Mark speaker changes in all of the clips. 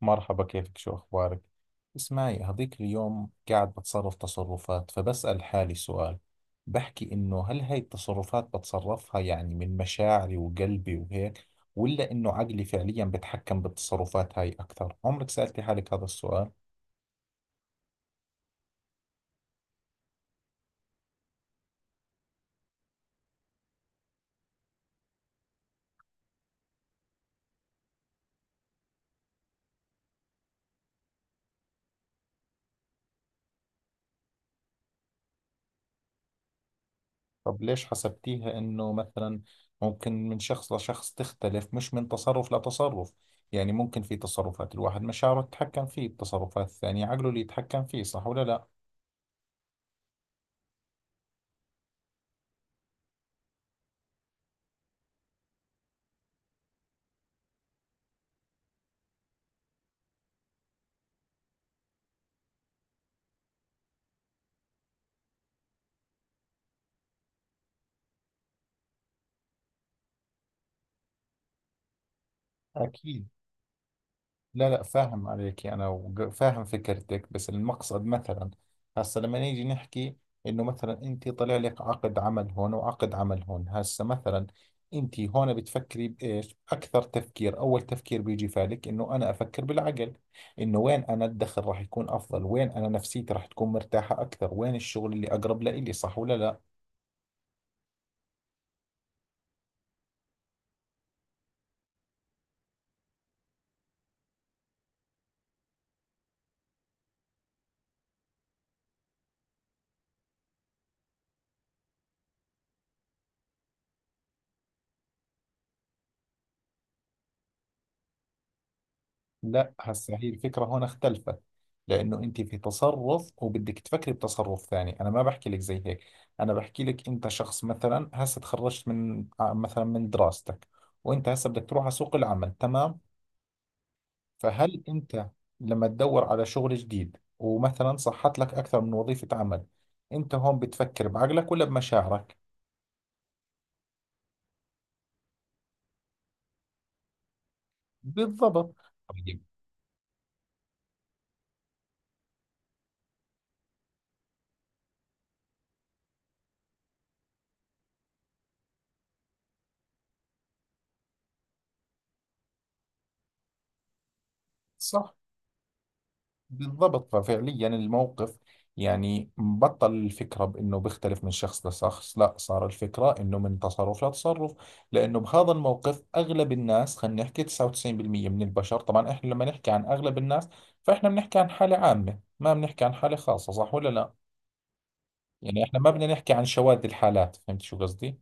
Speaker 1: مرحبا، كيفك؟ شو أخبارك؟ اسمعي، هذيك اليوم قاعد بتصرف تصرفات فبسأل حالي سؤال. بحكي إنه هل هاي التصرفات بتصرفها يعني من مشاعري وقلبي وهيك، ولا إنه عقلي فعليا بتحكم بالتصرفات هاي أكثر؟ عمرك سألتي حالك هذا السؤال؟ طب ليش حسبتيها إنه مثلا ممكن من شخص لشخص تختلف، مش من تصرف لتصرف؟ يعني ممكن في تصرفات الواحد مشاعره تتحكم فيه، التصرفات الثانية عقله اللي يتحكم فيه، صح ولا لا؟ أكيد. لا، لا فاهم عليك أنا، فاهم فكرتك، بس المقصد مثلا، هسا لما نيجي نحكي إنه مثلا أنت طلع لك عقد عمل هون وعقد عمل هون، هسا مثلا أنت هون بتفكري بإيش أكثر؟ تفكير أول تفكير بيجي فالك إنه أنا أفكر بالعقل، إنه وين أنا الدخل راح يكون أفضل، وين أنا نفسيتي راح تكون مرتاحة أكثر، وين الشغل اللي أقرب لإلي، صح ولا لا؟ لا هسه هي الفكرة هون اختلفت، لأنه أنت في تصرف وبدك تفكري بتصرف ثاني. أنا ما بحكي لك زي هيك، أنا بحكي لك أنت شخص مثلا هسه تخرجت مثلا من دراستك، وأنت هسه بدك تروح على سوق العمل، تمام؟ فهل أنت لما تدور على شغل جديد ومثلا صحت لك أكثر من وظيفة عمل، أنت هون بتفكر بعقلك ولا بمشاعرك؟ بالضبط. طيب. صح، بالضبط. ففعليا الموقف، يعني بطل الفكرة بأنه بيختلف من شخص لشخص، لا، صار الفكرة أنه من تصرف لتصرف، لأنه بهذا الموقف أغلب الناس، خلينا نحكي 99% من البشر طبعا، إحنا لما نحكي عن أغلب الناس فإحنا بنحكي عن حالة عامة، ما بنحكي عن حالة خاصة، صح ولا لا؟ يعني إحنا ما بدنا نحكي عن شواذ الحالات، فهمت شو قصدي؟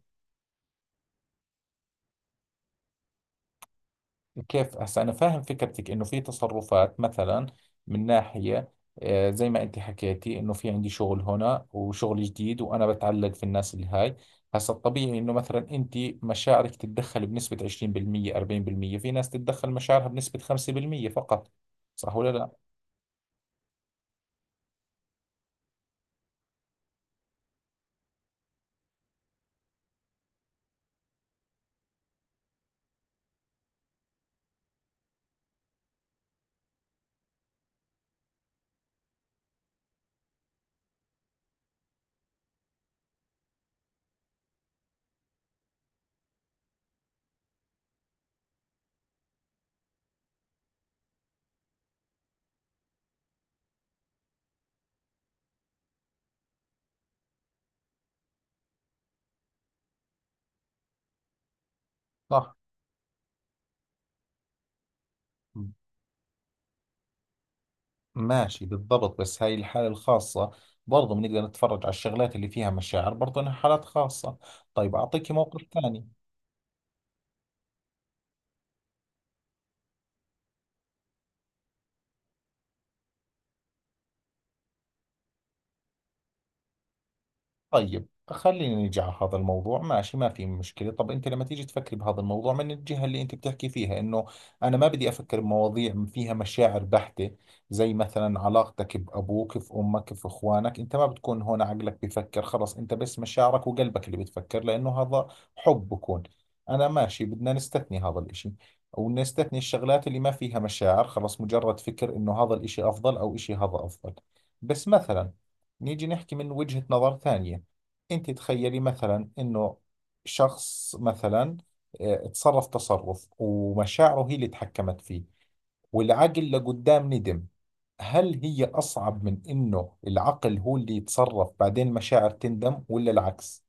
Speaker 1: كيف؟ هسا أنا فاهم فكرتك إنه في تصرفات مثلا من ناحية، زي ما أنت حكيتي إنه في عندي شغل هنا وشغل جديد وأنا بتعلق في الناس اللي هاي. هسا الطبيعي إنه مثلا أنت مشاعرك تتدخل بنسبة 20%، 40%، في ناس تتدخل مشاعرها بنسبة 5% فقط، صح ولا لا؟ صح. م- ماشي، بالضبط، بس هاي الحالة الخاصة برضه بنقدر نتفرج على الشغلات اللي فيها مشاعر برضه إنها حالات خاصة. طيب، أعطيك موقف ثاني. طيب، خلينا نيجي على هذا الموضوع. ماشي، ما في مشكلة. طب أنت لما تيجي تفكري بهذا الموضوع من الجهة اللي أنت بتحكي فيها، إنه أنا ما بدي أفكر بمواضيع فيها مشاعر بحتة، زي مثلا علاقتك بأبوك، في أمك، في إخوانك، أنت ما بتكون هون عقلك بيفكر، خلص أنت بس مشاعرك وقلبك اللي بتفكر، لأنه هذا حب بكون. أنا ماشي بدنا نستثني هذا الإشي، أو نستثني الشغلات اللي ما فيها مشاعر، خلص مجرد فكر إنه هذا الإشي أفضل أو إشي هذا أفضل. بس مثلا نيجي نحكي من وجهة نظر ثانية. انت تخيلي مثلا انه شخص مثلا، تصرف تصرف ومشاعره هي اللي تحكمت فيه، والعقل لقدام ندم، هل هي اصعب من انه العقل هو اللي يتصرف بعدين مشاعر تندم، ولا العكس؟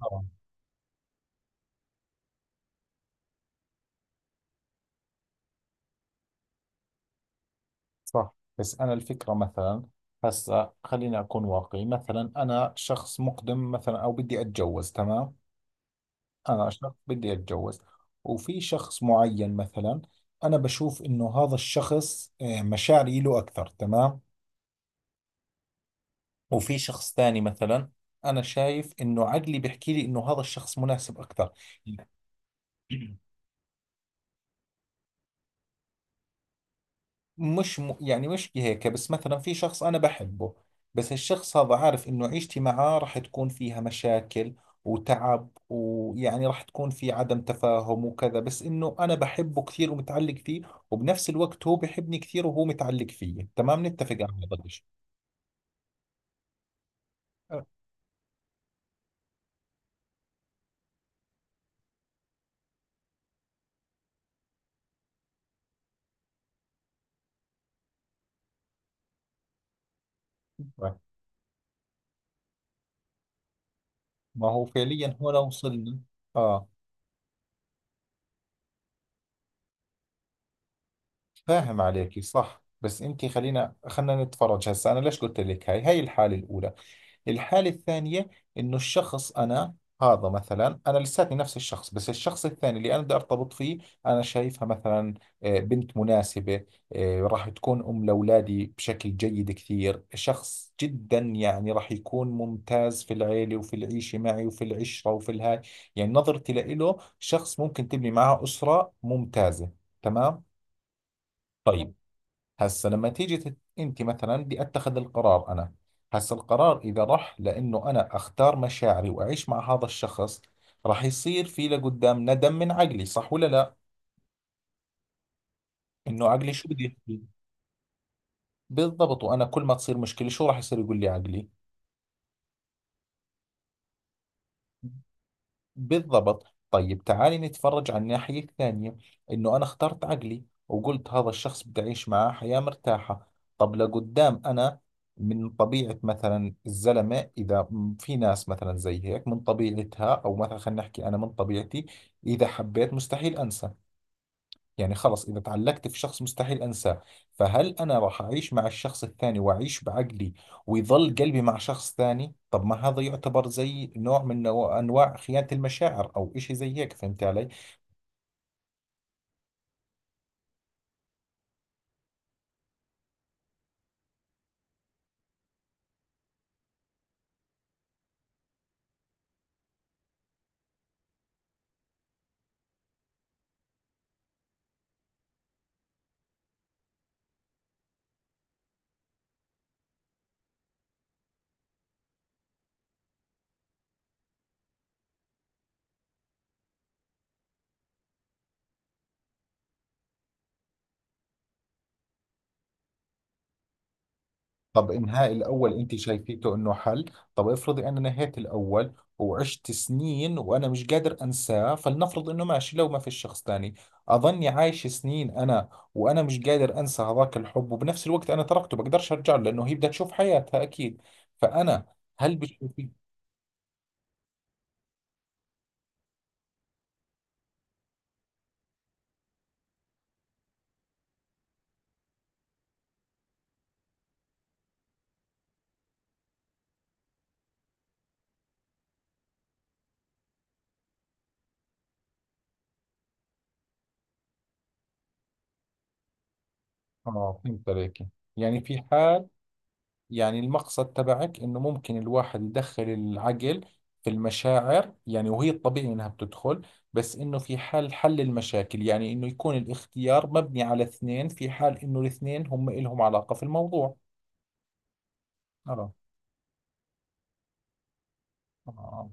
Speaker 1: طبعا. صح، بس انا الفكرة مثلا، هسا خليني اكون واقعي، مثلا انا شخص مقدم مثلا او بدي اتجوز، تمام؟ انا شخص بدي اتجوز، وفي شخص معين مثلا انا بشوف انه هذا الشخص، مشاعري له اكثر، تمام؟ وفي شخص ثاني مثلا انا شايف انه عقلي بيحكي لي انه هذا الشخص مناسب اكثر. مش م... يعني مش هيك، بس مثلا في شخص أنا بحبه، بس الشخص هذا عارف إنه عيشتي معاه راح تكون فيها مشاكل وتعب، ويعني راح تكون في عدم تفاهم وكذا، بس إنه أنا بحبه كثير ومتعلق فيه، وبنفس الوقت هو بحبني كثير وهو متعلق فيي، تمام، نتفق على هذا الشيء. طيب. ما هو فعليا هنا وصلنا. آه، فاهم عليكي. صح، بس أنت خلينا نتفرج. هسا أنا ليش قلت لك هاي؟ هاي الحالة الأولى. الحالة الثانية إنه الشخص أنا، هذا مثلا أنا لساتني نفس الشخص، بس الشخص الثاني اللي أنا بدي أرتبط فيه، أنا شايفها مثلا، بنت مناسبة، راح تكون أم لأولادي بشكل جيد كثير، شخص جدا يعني راح يكون ممتاز في العيلة وفي العيشة معي وفي العشرة وفي الهاي، يعني نظرتي لإله شخص ممكن تبني معه أسرة ممتازة، تمام؟ طيب، هسه لما تيجي انت مثلا، بدي اتخذ القرار انا. هسه القرار اذا راح لانه انا اختار مشاعري واعيش مع هذا الشخص، راح يصير في لقدام ندم من عقلي، صح ولا لا؟ انه عقلي شو بده يحكي. بالضبط، وانا كل ما تصير مشكلة شو راح يصير يقول لي عقلي. بالضبط. طيب تعالي نتفرج على الناحية الثانية، إنه أنا اخترت عقلي وقلت هذا الشخص بدي أعيش معاه حياة مرتاحة. طب لقدام أنا، من طبيعة مثلا الزلمة، في ناس مثلا زي هيك من طبيعتها، أو مثلا خلينا نحكي أنا من طبيعتي، إذا حبيت مستحيل أنسى، يعني خلص إذا تعلقت في شخص مستحيل أنساه، فهل أنا راح أعيش مع الشخص الثاني وأعيش بعقلي ويظل قلبي مع شخص ثاني؟ طب ما هذا يعتبر زي نوع من أنواع خيانة المشاعر، أو إشي زي هيك، فهمت علي؟ طب إنهاء الأول أنت شايفيته إنه حل؟ طب افرضي أنا نهيت الأول، وعشت سنين وأنا مش قادر أنساه، فلنفرض إنه ماشي لو ما في شخص تاني، أظني عايش سنين أنا، وأنا مش قادر أنسى هذاك الحب، وبنفس الوقت أنا تركته بقدرش أرجع له لأنه هي بدها تشوف حياتها أكيد، فأنا، هل بتشوفي؟ آه، فهمت عليك. يعني في حال، يعني المقصد تبعك انه ممكن الواحد يدخل العقل في المشاعر، يعني وهي الطبيعي انها بتدخل، بس انه في حال حل المشاكل، يعني انه يكون الاختيار مبني على اثنين، في حال انه الاثنين هم إلهم علاقة في الموضوع. اه. آه،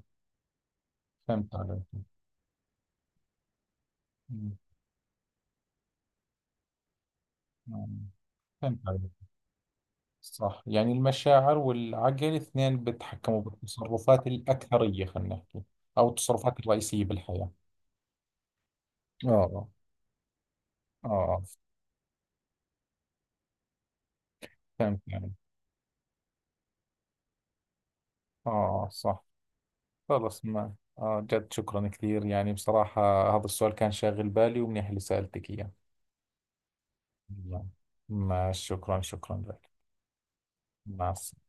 Speaker 1: فهمت عليك. مم، مم، فهمت عليك. صح، يعني المشاعر والعقل اثنين بيتحكموا بالتصرفات، الأكثرية خلينا نحكي، أو التصرفات الرئيسية بالحياة. اه، اه، آه، فهمت يعني. اه، صح. خلص، ما آه، جد شكرا كثير يعني، بصراحة هذا السؤال كان شاغل بالي ومنيح اللي سألتك إياه. نعم. ما شكرا، شكرا لك. مع السلامة.